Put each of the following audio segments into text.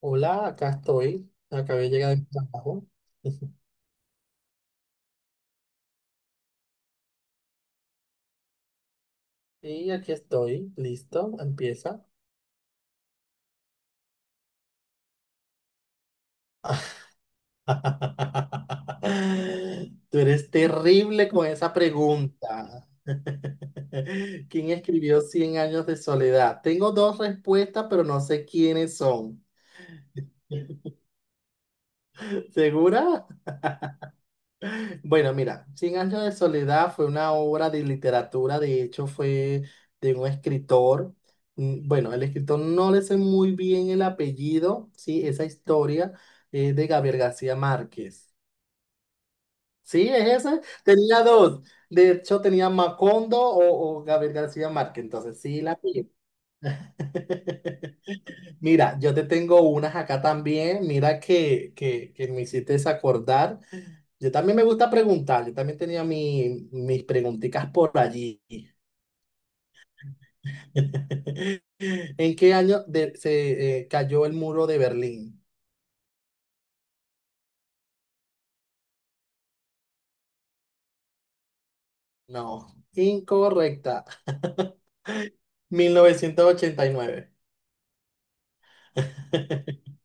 Hola, acá estoy. Acabé de llegar de mi trabajo. Y aquí estoy. Listo, empieza. Tú eres terrible con esa pregunta. ¿Quién escribió Cien años de soledad? Tengo dos respuestas, pero no sé quiénes son. ¿Segura? Bueno, mira, Cien años de soledad fue una obra de literatura, de hecho fue de un escritor. Bueno, el escritor no le sé muy bien el apellido, ¿sí? Esa historia es de Gabriel García Márquez. ¿Sí? ¿Es esa? Tenía dos. De hecho, tenía Macondo o Gabriel García Márquez, entonces sí la pillé. Mira, yo te tengo unas acá también. Mira que me hiciste acordar. Yo también me gusta preguntar. Yo también tenía mis preguntitas por allí. ¿En qué año de- se cayó el muro de Berlín? No, incorrecta. 1989.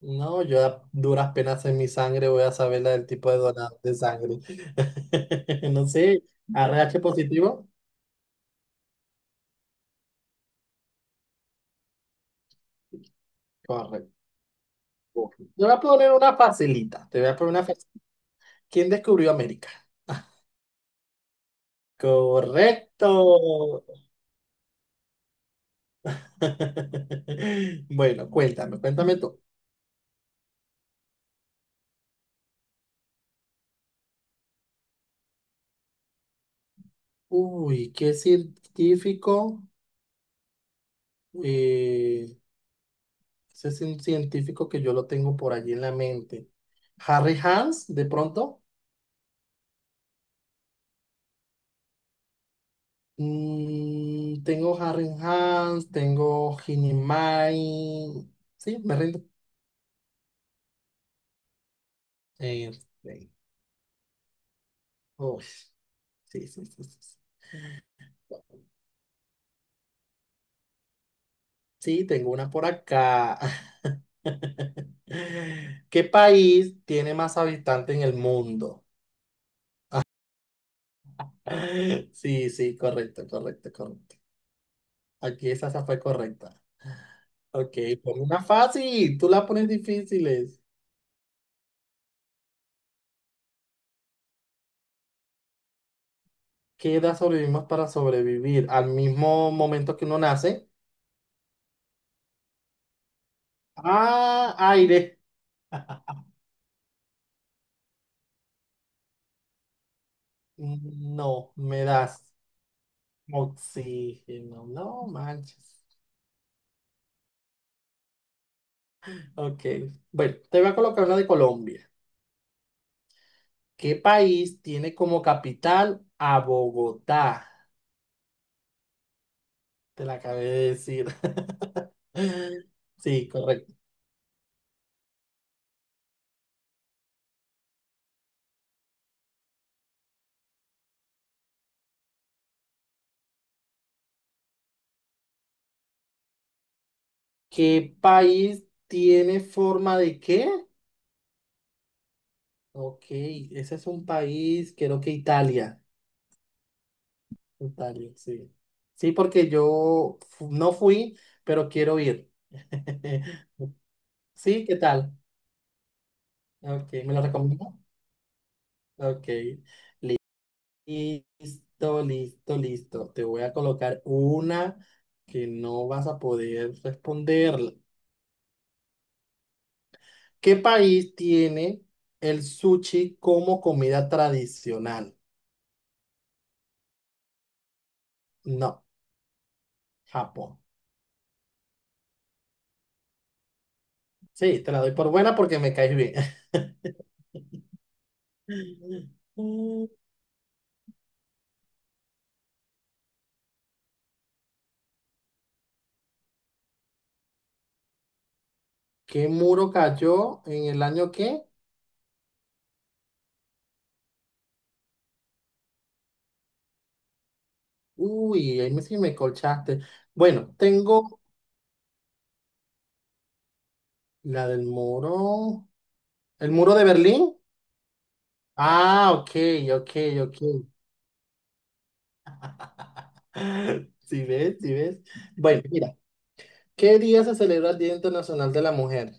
No, yo a duras penas en mi sangre voy a saber la del tipo de donante de sangre. No sé, A RH positivo. Correcto. Yo voy a poner una facilita. Te voy a poner una facilita. ¿Quién descubrió América? Correcto. Bueno, cuéntame, cuéntame tú. Uy, qué científico. eh, Ese es un científico que yo lo tengo por allí en la mente. Harry Hans, de pronto. Tengo Harry Hans, tengo Hinimai. Sí, me rindo. Eh, eh, uy, sí, sí, sí, sí, sí. Sí, tengo una por acá. ¿Qué país tiene más habitantes en el mundo? Sí, sí, correcto, correcto, correcto. Aquí esa fue correcta. Ok, pon una fácil, tú la pones difíciles. ¿Qué edad sobrevivimos para sobrevivir? Al mismo momento que uno nace. Ah, aire. No, me das oxígeno. No manches. Ok, bueno, te voy a colocar una de Colombia. ¿Qué país tiene como capital a Bogotá? Te la acabé de decir. Sí, correcto. ¿Qué país tiene forma de qué? Ok, ese es un país, creo que Italia. Italia, sí. Sí, porque yo no fui, pero quiero ir. Sí, ¿qué tal? Ok, ¿me lo recomiendo? Ok. Listo, listo, listo. Te voy a colocar una que no vas a poder responderla. ¿Qué país tiene el sushi como comida tradicional? No, Japón. Sí, te la doy por buena porque me caes bien. ¿Qué muro cayó en el año qué? Uy, ahí me, sí me colchaste. Bueno, tengo la del muro. ¿El muro de Berlín? Ah, ok, ok, ok. ¿Si ves? ¿Si ves? Bueno, mira, ¿qué día se celebra el Día Internacional de la Mujer?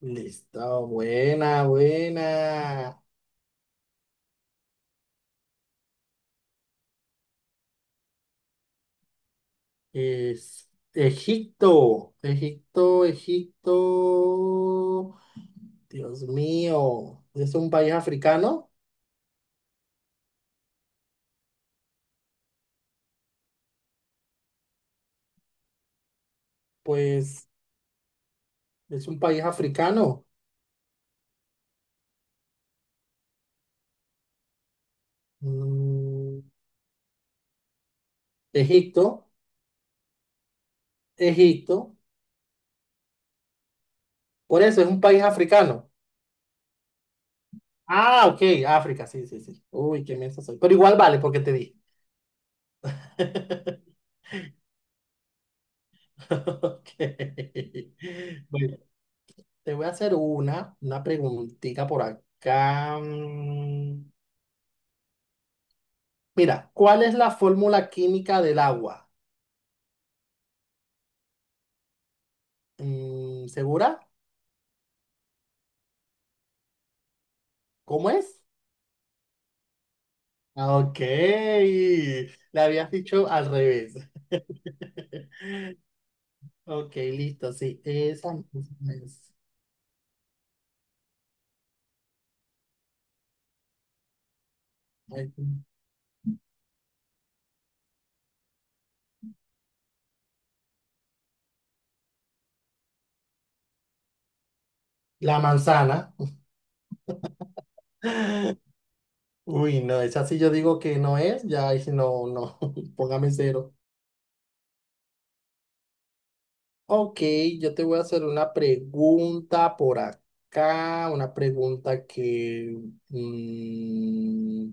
Listo, buena, buena. Es Egipto, Egipto, Egipto. Dios mío, ¿es un país africano? Pues es un país africano. Mm, Egipto, Egipto. Por eso es un país africano. Ah, ok, África, sí, sí, sí. Uy, qué mensa soy. Pero igual vale porque te dije. Ok. Bueno, te voy a hacer una preguntita por acá. Mira, ¿cuál es la fórmula química del agua? ¿Segura? ¿Cómo es? Ah, ok, le habías dicho al revés. Ok, listo, sí, esa es. La manzana. Uy, no, esa sí yo digo que no es, ya ahí sí no, no, póngame cero. Ok, yo te voy a hacer una pregunta por acá, una pregunta que... mm,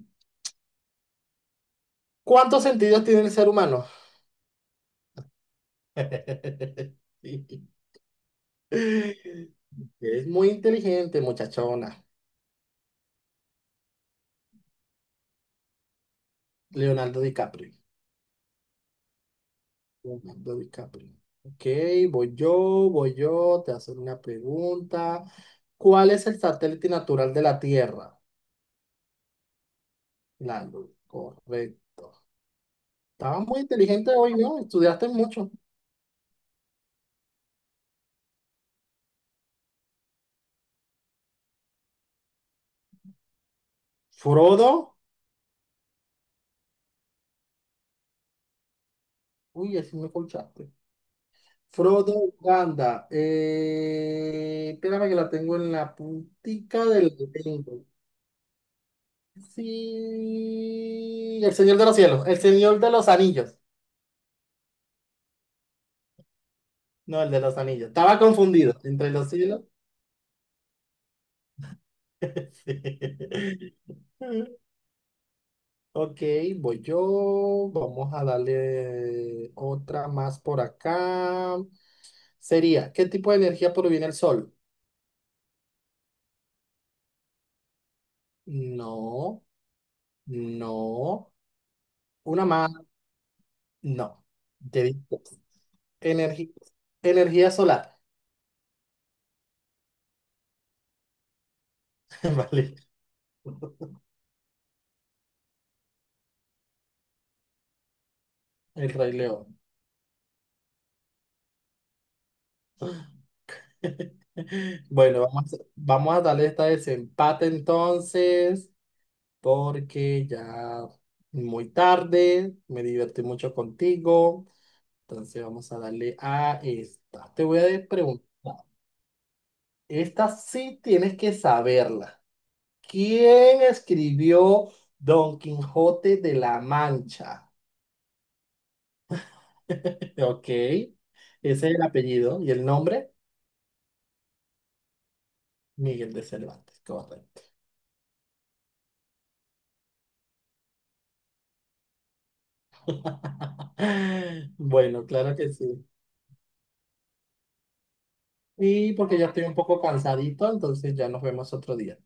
¿cuántos sentidos tiene el ser humano? Sí. Es muy inteligente, muchachona. Leonardo DiCaprio. Leonardo DiCaprio. Ok, voy yo, te voy a hacer una pregunta. ¿Cuál es el satélite natural de la Tierra? La Luna, correcto. Estabas muy inteligente hoy, ¿no? Estudiaste mucho. Frodo. Uy, así me colchaste. Frodo Uganda. Espérame que la tengo en la puntica del dedo. Sí. El Señor de los Cielos. El Señor de los Anillos. No, el de los Anillos. Estaba confundido entre los cielos. Ok, voy yo. Vamos a darle otra más por acá. Sería, ¿qué tipo de energía proviene del sol? No, no. Una más. No, te di energi- energía solar. Vale, el Rey León. Bueno, vamos, vamos a darle esta desempate entonces, porque ya muy tarde, me divertí mucho contigo. Entonces vamos a darle a esta. Te voy a preguntar, esta sí tienes que saberla. ¿Quién escribió Don Quijote de la Mancha? Ok, ese es el apellido y el nombre, Miguel de Cervantes, correcto. Bueno, claro que sí. Y porque ya estoy un poco cansadito, entonces ya nos vemos otro día.